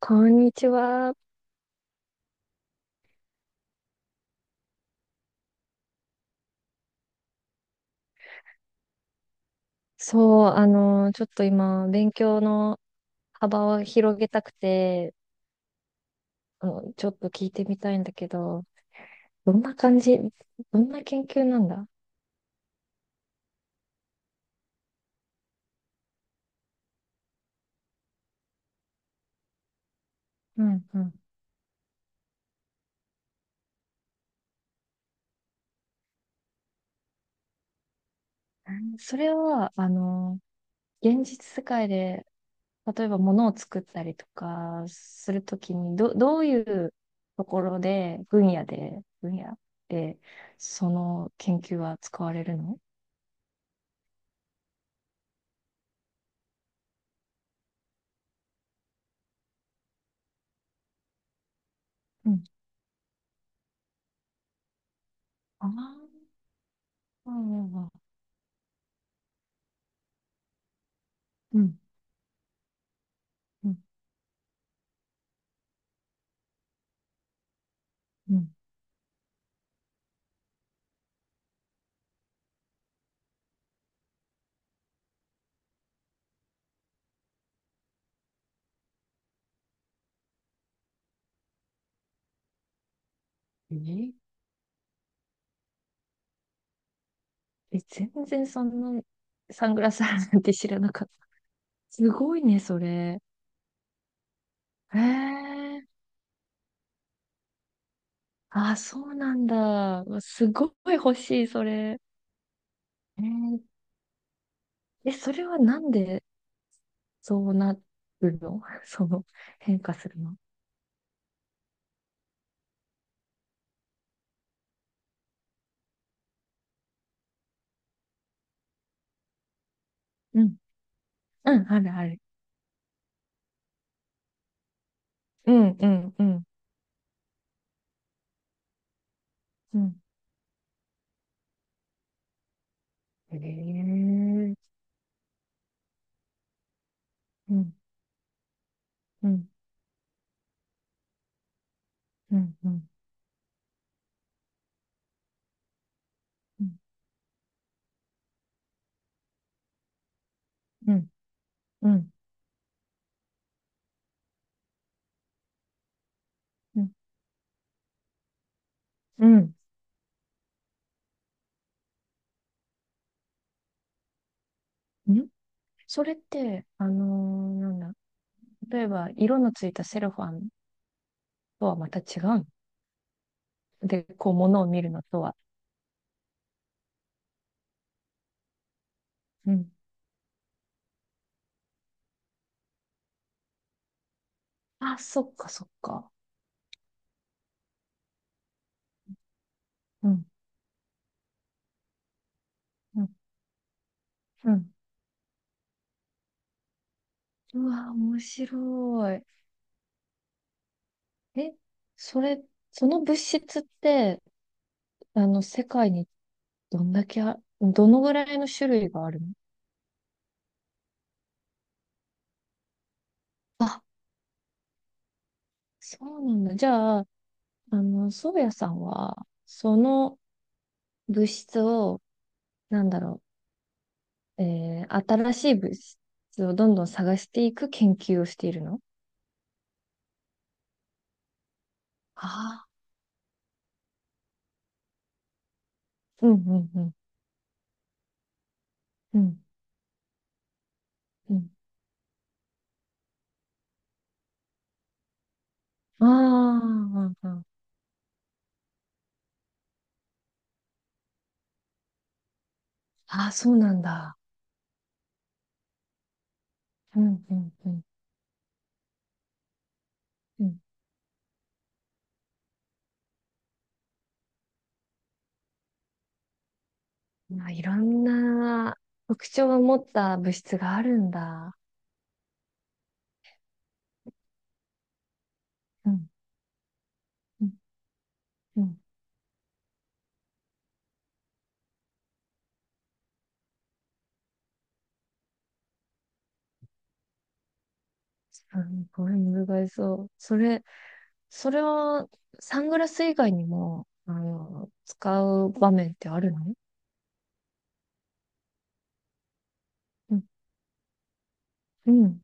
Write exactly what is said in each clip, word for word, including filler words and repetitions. こんにちは。そう、あの、ちょっと今、勉強の幅を広げたくて、あの、ちょっと聞いてみたいんだけど、どんな感じ、どんな研究なんだ？うんうん。それは、あの、現実世界で、例えば物を作ったりとかするときに、ど、どういうところで、分野で、分野で、その研究は使われるの？うん。ああ、うんうんうん。うんうんうん。えええ、全然そんなサングラスあるなんて知らなかった。すごいね、それ。へえ。あ、そうなんだ。うわすごい欲しい、それ。えー、え、それはなんでそうなるの？ その変化するの？うん。うん、あるある。うん、うん、うん、うん。へえ。うん、うん、うん、うん、うん、うん、うん、うん。うんん、それって、あのーなんだ。例えば、色のついたセロファンとはまた違う。で、こう、ものを見るのとは。うん。あ、そっか、そっか。うん、うん、うん。うわ、面白い。え、それ、その物質って、あの、世界にどんだけあ、どのぐらいの種類があるの？あ、そうなんだ。じゃあ、あの、宗谷さんは、その物質を、なんだろう、えー、新しい物質をどんどん探していく研究をしているの？ああー、うん、うん、うん、うん、うん。ああ、うんうん。ああ、そうなんだ。うん、うん、うん。うん。まあ、いろんな特徴を持った物質があるんだ。うん、うん、うん。すごい難しそう。それ、それはサングラス以外にも、あの、使う場面ってあるの？うん、うん、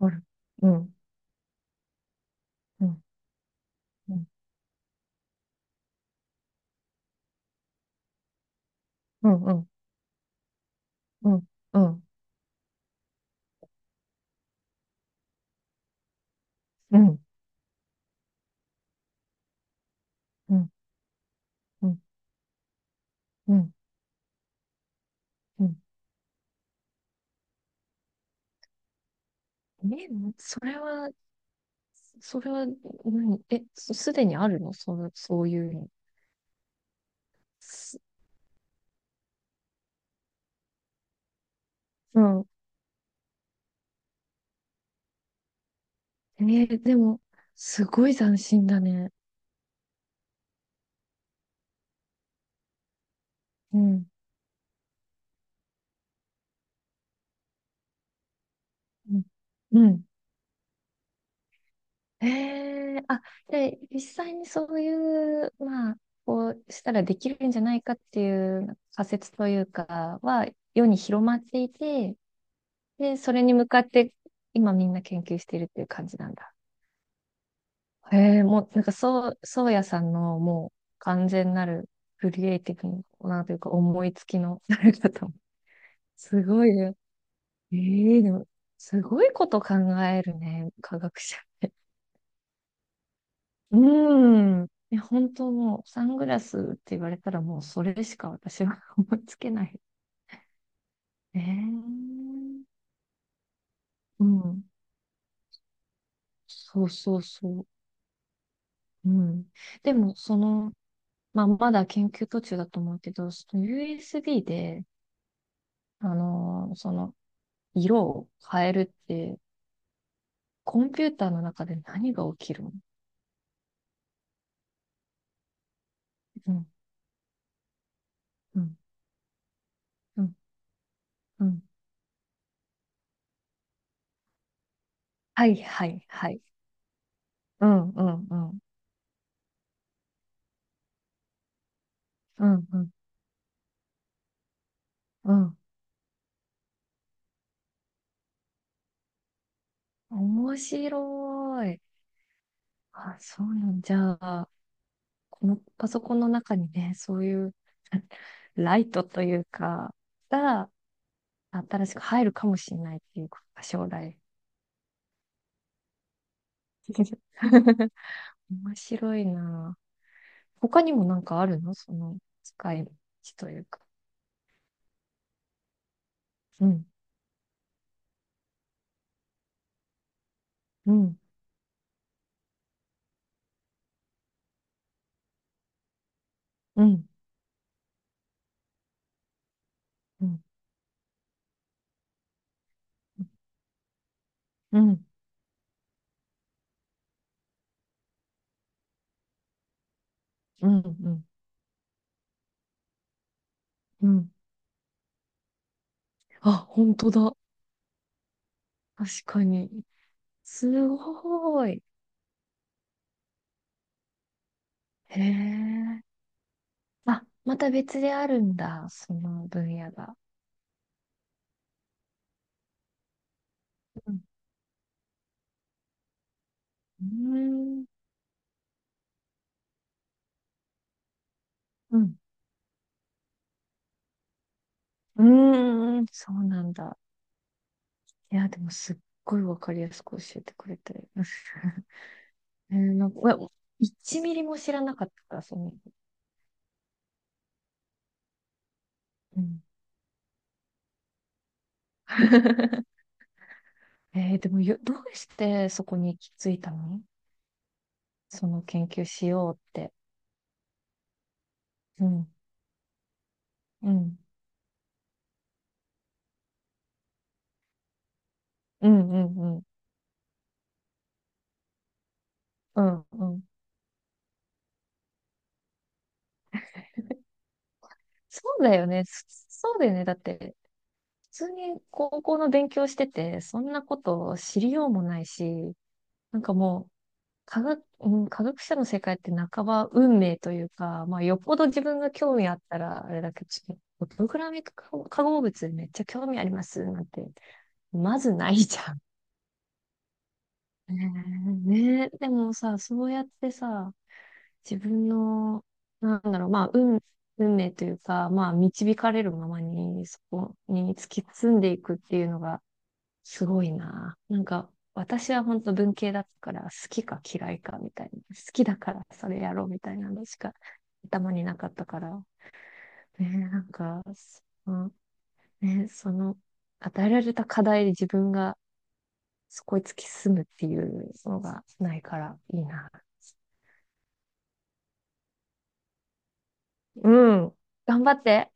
ある。うん、うん、うん、うん、うん、うん、うん、うん、うん、うん。うん、え、それは、それは、うん、え、すすでにあるの、その、そういうの？すうん。えーでも、すごい斬新だね。うん。うん。うん、えー、あ、で、実際にそういう、まあ、こうしたらできるんじゃないかっていう仮説というかは、世に広まっていて、で、それに向かって、今みんな研究しているっていう感じなんだ。へえ、もう、なんか、そう、そうやさんの、もう、完全なる、クリエイティブなというか、思いつきの、誰かと。すごいね。ええでも、すごいこと考えるね、科学者。うーん。いや、本当もう、サングラスって言われたら、もう、それしか私は 思いつけない。ええうん。そうそうそう。うん。でも、その、まあ、まだ研究途中だと思うけど、その ユーエスビー で、あのーその、色を変えるって、コンピューターの中で何が起きるの？うん、うん、うん、うん。はい、はい、はい。うん、うん、うん、うん、うん、うん。面白い。あ、そうなんじゃあ、このパソコンの中にね、そういうライトというか、が新しく入るかもしれないっていうことか、将来。面白いな。他にもなんかあるの、その使い道というか。うん、うん、うん、うん。うん、うん、うん、うん。あ、本当だ。確かに。すごい。へえ。あ、また別であるんだ。その分野が。うん。うーん。うん。うーん。そうなんだ。いや、でもすっごいわかりやすく教えてくれて。えー、なんか、うわいちミリも知らなかったから、その。うん。えー、でもよ、どうしてそこに行き着いたの？その研究しようって。うん。うん。うんうんうんうん。そうだよね。そそうだよね。だって、普通に高校の勉強してて、そんなことを知りようもないし、なんかもう、科学、うん、科学者の世界って半ば運命というか、まあ、よっぽど自分が興味あったら、あれだけど、プログラミング化合物めっちゃ興味ありますなんて、まずないじゃん。ね、え、ねえでもさ、そうやってさ、自分の、なんだろう、まあ、運、運命というか、まあ、導かれるままに、そこに突き進んでいくっていうのが、すごいな。なんか、私は本当文系だったから、好きか嫌いかみたいな。好きだからそれやろうみたいなのしか頭になかったから。ね、なんか、その、ね、その、与えられた課題で自分がそこへ突き進むっていうのがないからいいな。うん。頑張って。